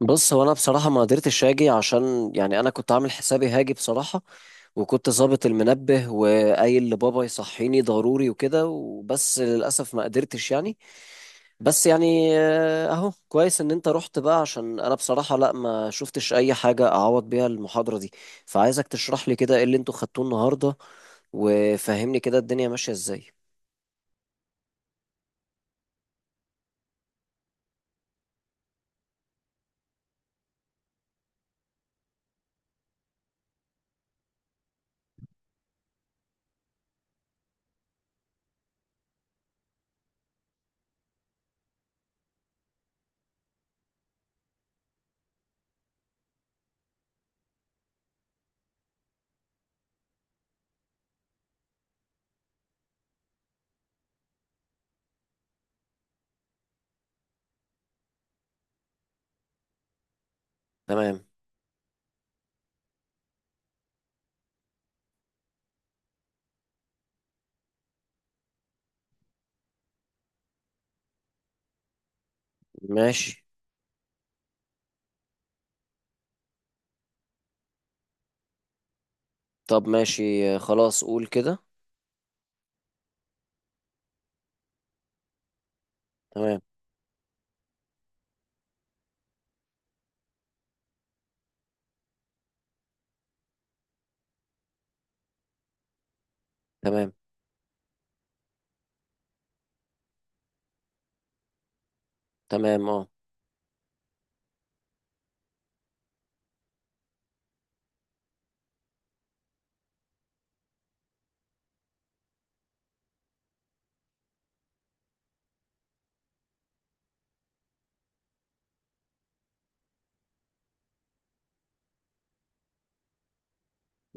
بص هو انا بصراحه ما قدرتش اجي عشان يعني انا كنت عامل حسابي هاجي بصراحه وكنت ظابط المنبه وقايل لبابا يصحيني ضروري وكده وبس للاسف ما قدرتش يعني. بس يعني اهو كويس ان انت رحت بقى عشان انا بصراحه، لا، ما شفتش اي حاجه اعوض بيها المحاضره دي. فعايزك تشرح لي كده ايه اللي انتوا خدتوه النهارده وفهمني كده الدنيا ماشيه ازاي؟ تمام. ماشي. طب ماشي. خلاص قول كده. تمام. تمام. تمام. اه.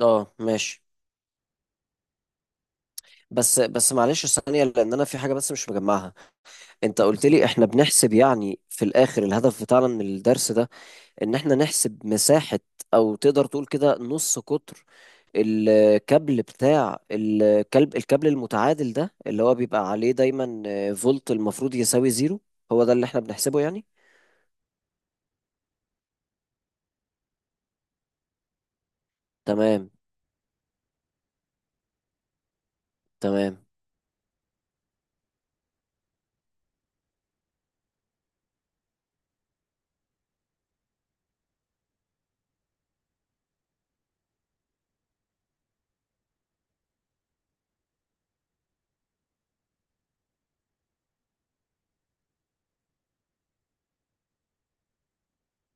اه ماشي. بس بس معلش، ثانية، لأن أنا في حاجة بس مش مجمعها. أنت قلت لي إحنا بنحسب يعني في الآخر الهدف بتاعنا من الدرس ده إن إحنا نحسب مساحة، أو تقدر تقول كده نص قطر الكابل بتاع الكلب، الكابل المتعادل ده اللي هو بيبقى عليه دايما فولت المفروض يساوي زيرو. هو ده اللي إحنا بنحسبه يعني؟ تمام. تمام.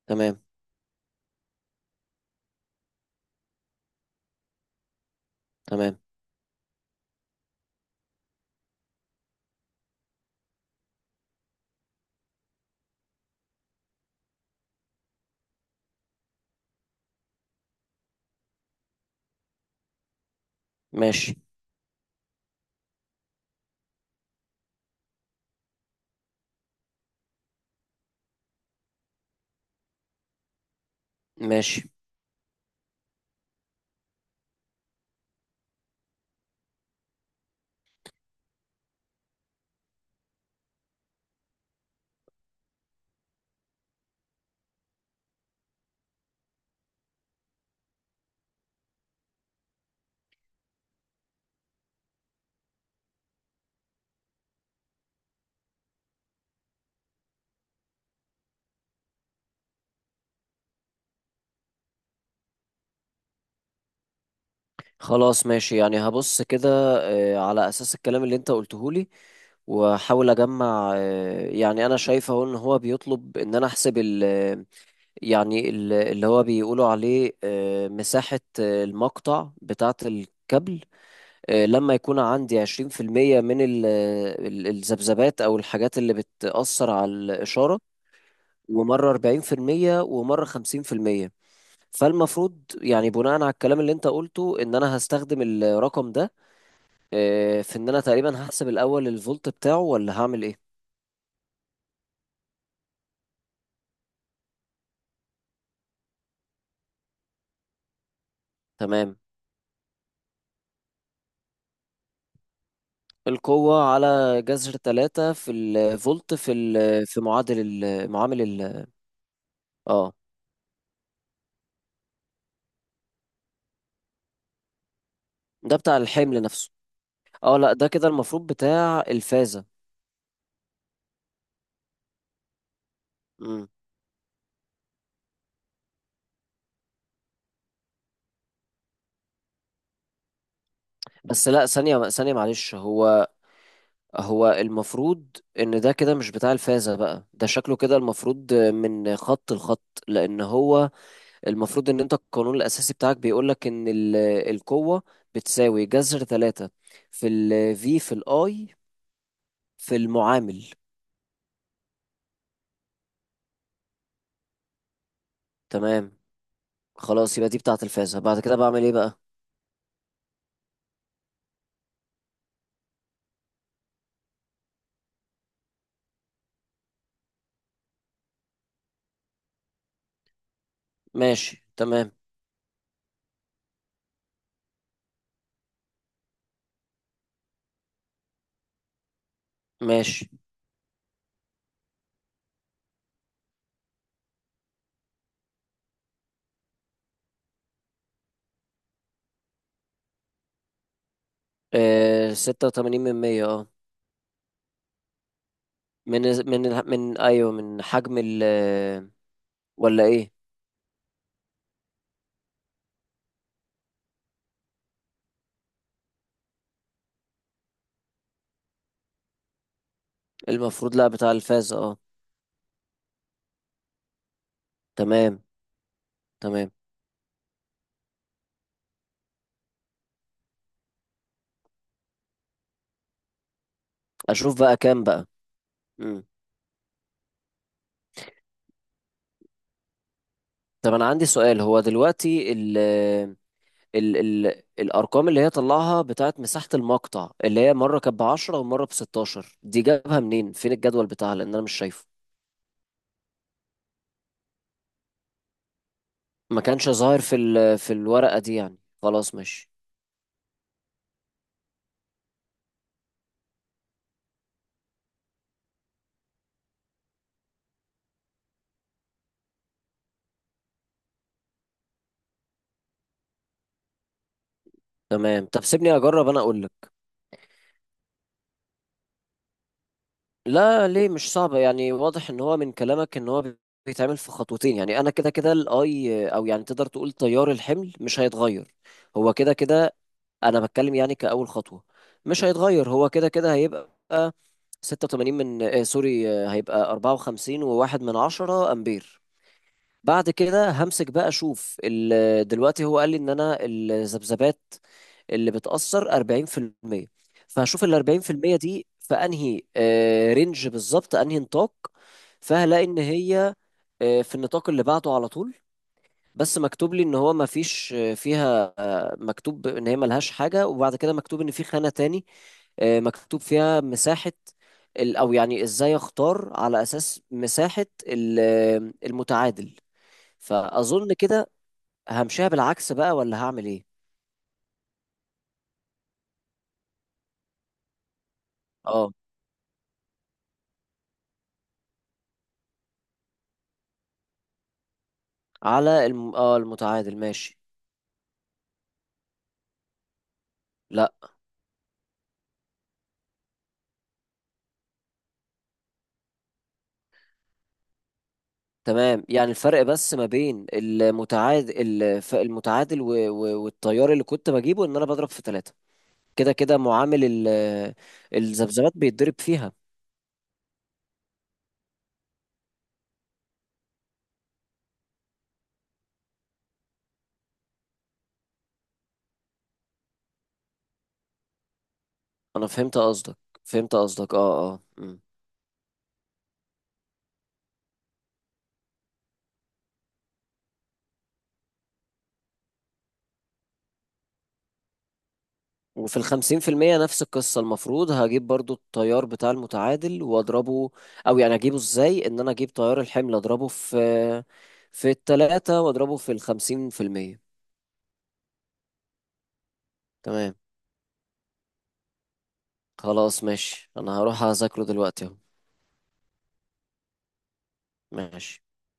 تمام. تمام. ماشي. ماشي. خلاص ماشي، يعني هبص كده على أساس الكلام اللي أنت قلته لي، واحاول اجمع يعني انا شايف اهو ان هو بيطلب ان انا احسب ال، يعني ال- اللي هو بيقولوا عليه مساحة المقطع بتاعة الكابل. لما يكون عندي 20% من ال- الذبذبات او الحاجات اللي بتأثر على الإشارة، ومرة 40% ومرة 50%. فالمفروض يعني بناء على الكلام اللي انت قلته ان انا هستخدم الرقم ده في ان انا تقريبا هحسب الاول الفولت بتاعه، ولا هعمل ايه؟ تمام. القوة على جذر ثلاثة في الفولت في ال، في معادل ال، معامل ال. اه، ده بتاع الحمل نفسه. اه، لا، ده كده المفروض بتاع الفازة. مم. بس لا، ثانية ثانية معلش. هو المفروض ان ده كده مش بتاع الفازة بقى، ده شكله كده المفروض من خط لخط، لان هو المفروض ان انت القانون الاساسي بتاعك بيقولك ان ال- القوة بتساوي جذر ثلاثة في ال V في ال I في المعامل. تمام. خلاص، يبقى دي بتاعة الفازة. بعد كده بعمل ايه بقى؟ ماشي. تمام. ماشي. آه، ستة وتمانين من مية، اه. من من من ايوه، من حجم ال ولا ايه؟ المفروض لا، بتاع الفازة اه. تمام. تمام. اشوف بقى كام بقى. مم. طب انا عندي سؤال، هو دلوقتي ال ال الارقام اللي هي طلعها بتاعت مساحة المقطع، اللي هي مرة كانت ب10 ومرة ب16، دي جابها منين؟ فين الجدول بتاعها؟ لان انا مش شايفه. ما كانش ظاهر في ال في الورقة دي يعني، خلاص ماشي. تمام. طب سيبني اجرب انا اقول لك. لا، ليه؟ مش صعبه يعني، واضح ان هو من كلامك ان هو بيتعمل في خطوتين. يعني انا كده كده الاي، او يعني تقدر تقول تيار الحمل مش هيتغير، هو كده كده. انا بتكلم يعني كاول خطوه، مش هيتغير هو كده كده، هيبقى 86 من سوري، هيبقى 54 وواحد من 10 امبير. بعد كده همسك بقى اشوف ال-، دلوقتي هو قال لي ان انا الذبذبات اللي بتأثر 40%. فهشوف ال 40% دي في انهي رينج بالظبط، انهي نطاق. فهلاقي ان هي في النطاق اللي بعده على طول، بس مكتوب لي ان هو ما فيش فيها، مكتوب ان هي ملهاش حاجة، وبعد كده مكتوب ان في خانة تاني مكتوب فيها مساحة ال-، او يعني ازاي اختار على اساس مساحة ال- المتعادل؟ فاظن كده همشيها بالعكس بقى، ولا هعمل ايه؟ اه، على اه المتعادل، ماشي. لا، تمام، يعني الفرق بس ما بين المتعادل المتعادل و- و- والتيار اللي كنت بجيبه ان انا بضرب في ثلاثة، كده كده معامل ال- الذبذبات بيتضرب فيها. انا فهمت قصدك. فهمت قصدك، اه، اه، أمم. وفي ال50% نفس القصة، المفروض هجيب برضو التيار بتاع المتعادل واضربه، او يعني اجيبه ازاي؟ ان انا اجيب تيار الحمل اضربه في التلاتة واضربه في ال50%. تمام. خلاص ماشي، انا هروح اذاكره دلوقتي اهو. ماشي.